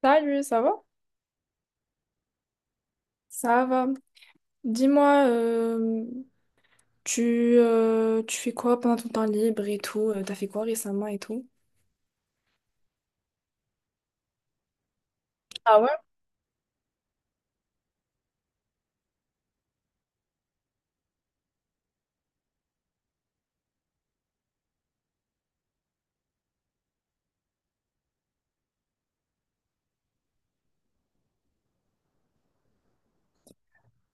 Salut, ça va? Ça va. Dis-moi, tu fais quoi pendant ton temps libre et tout? T'as fait quoi récemment et tout? Ah ouais?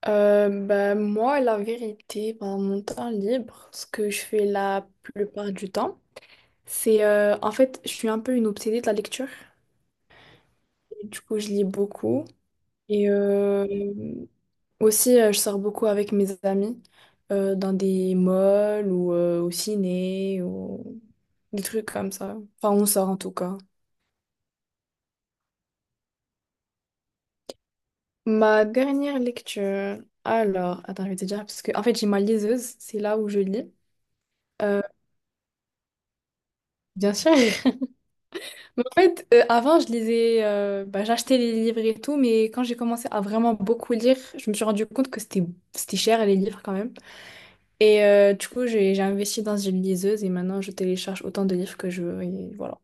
Ben, moi, la vérité, pendant mon temps libre, ce que je fais la plupart du temps, en fait, je suis un peu une obsédée de la lecture. Et du coup, je lis beaucoup. Et aussi, je sors beaucoup avec mes amis dans des malls ou au ciné ou des trucs comme ça. Enfin, on sort en tout cas. Ma dernière lecture. Alors, attends, je vais te dire, parce que en fait, j'ai ma liseuse, c'est là où je lis. Euh, Bien sûr. Mais en fait, avant, je lisais, bah, j'achetais les livres et tout, mais quand j'ai commencé à vraiment beaucoup lire, je me suis rendu compte que c'était cher les livres quand même. Et du coup, j'ai investi dans une liseuse et maintenant je télécharge autant de livres que je veux. Et voilà.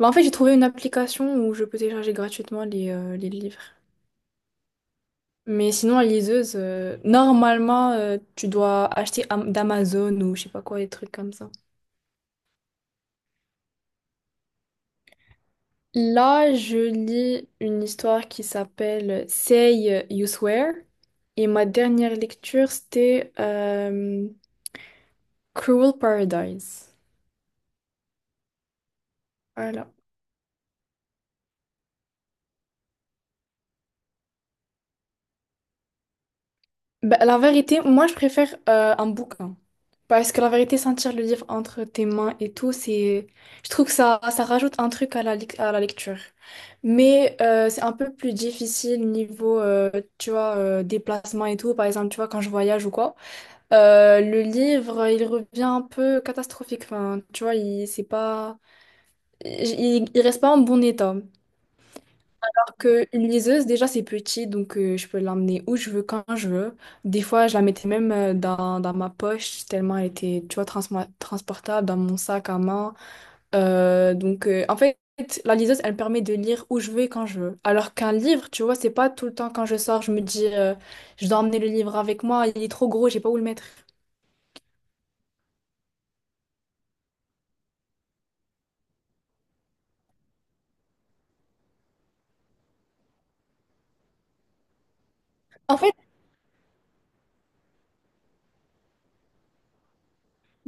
Bah, en fait, j'ai trouvé une application où je peux télécharger gratuitement les livres. Mais sinon, la liseuse, normalement, tu dois acheter d'Amazon ou je sais pas quoi, des trucs comme ça. Là, je lis une histoire qui s'appelle Say You Swear. Et ma dernière lecture, c'était Cruel Paradise. Voilà. Ben, la vérité, moi je préfère un bouquin. Parce que la vérité, sentir le livre entre tes mains et tout, c'est. Je trouve que ça rajoute un truc à la lecture. Mais c'est un peu plus difficile niveau, tu vois, déplacement et tout. Par exemple, tu vois, quand je voyage ou quoi. Le livre, il revient un peu catastrophique. Enfin, tu vois, c'est pas. Il reste pas en bon état que une liseuse, déjà, c'est petit, donc je peux l'emmener où je veux, quand je veux. Des fois, je la mettais même dans ma poche, tellement elle était, tu vois, transportable, dans mon sac à main. Donc, en fait, la liseuse, elle me permet de lire où je veux et quand je veux. Alors qu'un livre, tu vois, c'est pas tout le temps quand je sors, je me dis, je dois emmener le livre avec moi, il est trop gros, j'ai pas où le mettre. En fait,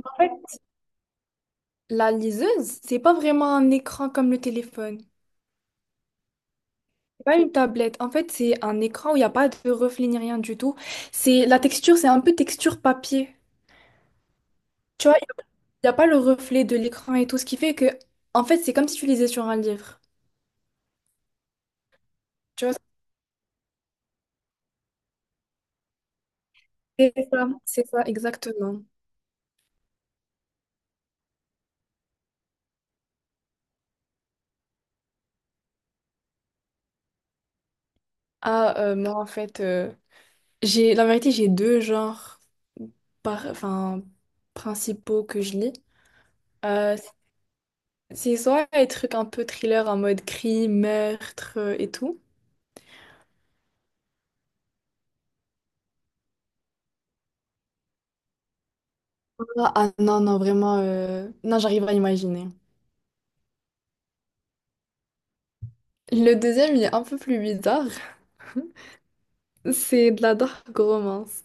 en fait, la liseuse, c'est pas vraiment un écran comme le téléphone. Pas une tablette. En fait, c'est un écran où il n'y a pas de reflet ni rien du tout. C'est la texture, c'est un peu texture papier. Tu vois, il n'y a pas le reflet de l'écran et tout, ce qui fait que, en fait, c'est comme si tu lisais sur un livre. Tu vois, c'est ça, exactement. Ah, moi, en fait, j'ai, la vérité, j'ai deux genres enfin, principaux que je lis. Euh, c'est soit les trucs un peu thriller en mode crime, meurtre et tout. Ah ah, non, non, vraiment, non, j'arrive à imaginer. Le deuxième, il est un peu plus bizarre. C'est de la dark romance.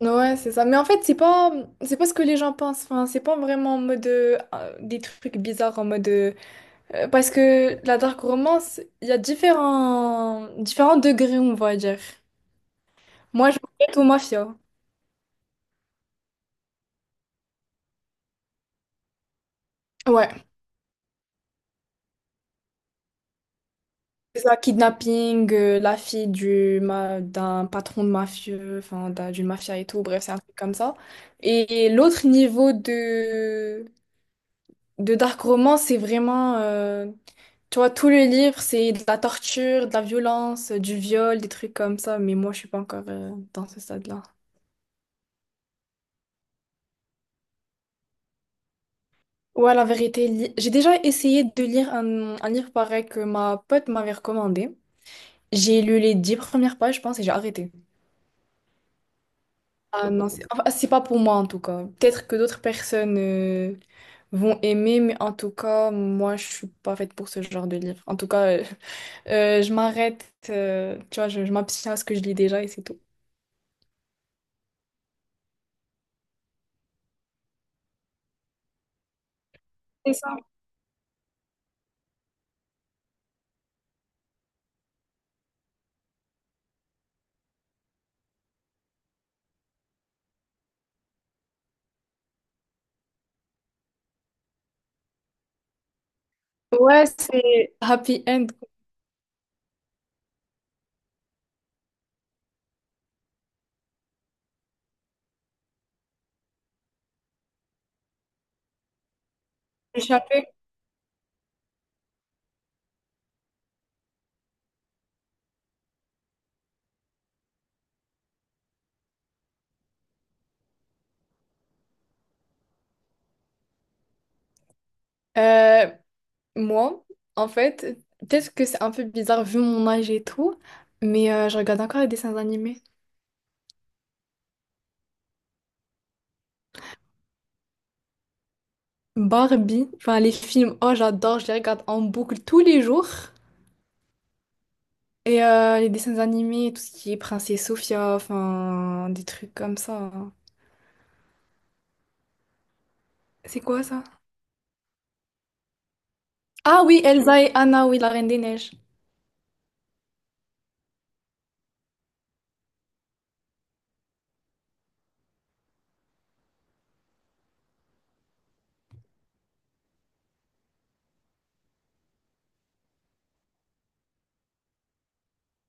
Ouais, c'est ça. Mais en fait, c'est pas ce que les gens pensent. Enfin, c'est pas vraiment en mode des trucs bizarres en mode parce que la dark romance, il y a différents degrés, on va dire. Moi, je m'arrête au mafia. Ouais, c'est ça, kidnapping, la fille du d'un patron de mafieux, enfin d'une mafia et tout, bref, c'est un truc comme ça. Et l'autre niveau de dark romance, c'est vraiment, tu vois, tout le livre, c'est de la torture, de la violence, du viol, des trucs comme ça, mais moi, je suis pas encore dans ce stade-là. Ouais, la vérité, j'ai déjà essayé de lire un livre pareil que ma pote m'avait recommandé. J'ai lu les 10 premières pages, je pense, et j'ai arrêté. Ah non, c'est enfin, c'est pas pour moi en tout cas. Peut-être que d'autres personnes vont aimer, mais en tout cas, moi, je suis pas faite pour ce genre de livre. En tout cas, je m'arrête, tu vois, je m'abstiens à ce que je lis déjà et c'est tout. C'est ça. Ouais, c'est Happy end. Échappé. Euh, Moi, en fait, peut-être que c'est un peu bizarre vu mon âge et tout, mais je regarde encore les dessins animés. Barbie, enfin les films, oh j'adore, je les regarde en boucle tous les jours. Et les dessins animés, tout ce qui est Princesse Sophia, enfin des trucs comme ça. C'est quoi ça? Ah oui, Elsa et Anna, oui, la Reine des Neiges.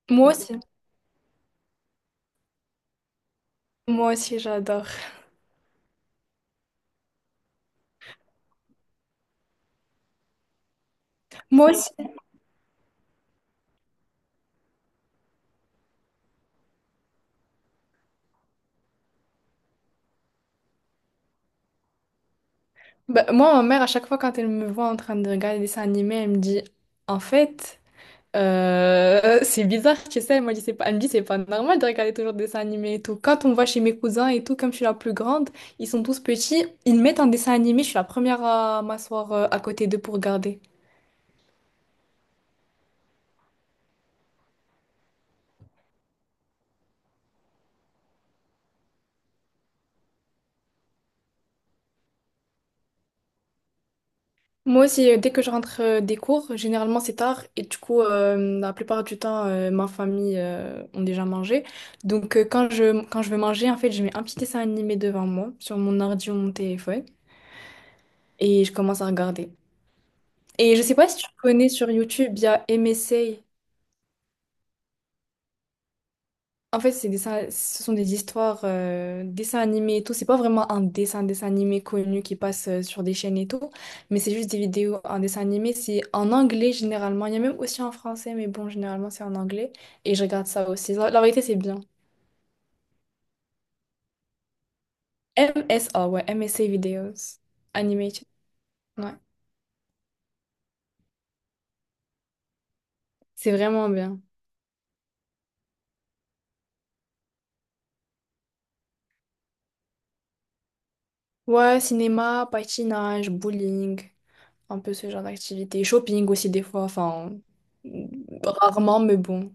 Moi aussi, moi aussi j'adore. Moi aussi. Bah, moi, ma mère, à chaque fois, quand elle me voit en train de regarder des dessins animés, elle me dit, en fait, c'est bizarre, tu sais, elle m'a dit, c'est pas... elle me dit, c'est pas normal de regarder toujours des dessins animés et tout. Quand on va chez mes cousins et tout, comme je suis la plus grande, ils sont tous petits, ils mettent un dessin animé, je suis la première à m'asseoir à côté d'eux pour regarder. Moi aussi, dès que je rentre des cours, généralement c'est tard et du coup, la plupart du temps, ma famille ont déjà mangé. Donc, quand je veux manger, en fait, je mets un petit dessin animé devant moi, sur mon ordi ou mon téléphone, et je commence à regarder. Et je sais pas si tu connais sur YouTube, il y a MSA. En fait, c'est des ce sont des histoires, dessins animés et tout. C'est pas vraiment un dessin animé connu qui passe sur des chaînes et tout, mais c'est juste des vidéos en dessin animé. C'est en anglais généralement. Il y a même aussi en français, mais bon, généralement c'est en anglais. Et je regarde ça aussi. La vérité, c'est bien. M S MSA, ouais, M S MSA Videos. Animated. Ouais, c'est vraiment bien. Ouais, cinéma, patinage, bowling, un peu ce genre d'activité. Shopping aussi des fois, enfin, rarement, mais bon.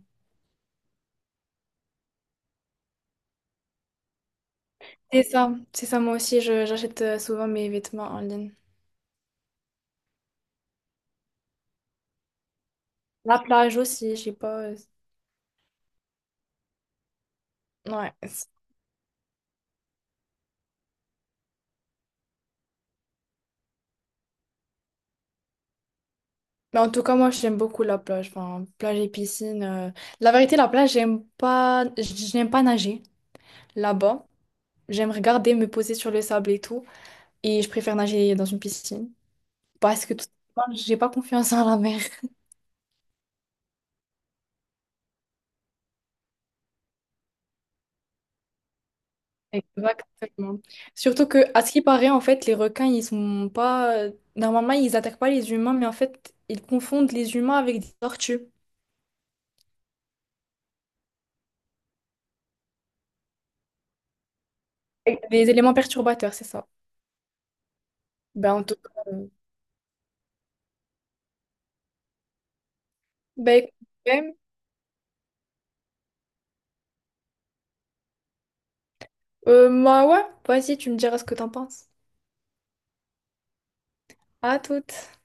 C'est ça, moi aussi, j'achète souvent mes vêtements en ligne. La plage aussi, je sais pas. Ouais. Mais en tout cas, moi, j'aime beaucoup la plage. Enfin, plage et piscine. La vérité, la plage, j'aime pas, j'aime pas nager là-bas. J'aime regarder, me poser sur le sable et tout. Et je préfère nager dans une piscine. Parce que tout simplement, j'ai pas confiance en la mer. Exactement. Surtout que, à ce qui paraît, en fait, les requins, ils sont pas. Normalement, ils attaquent pas les humains, mais en fait, ils confondent les humains avec des tortues. Des éléments perturbateurs, c'est ça. Ben, en tout cas, ben, écoute, même, moi, ouais, vas-y, tu me diras ce que t'en penses. À toutes.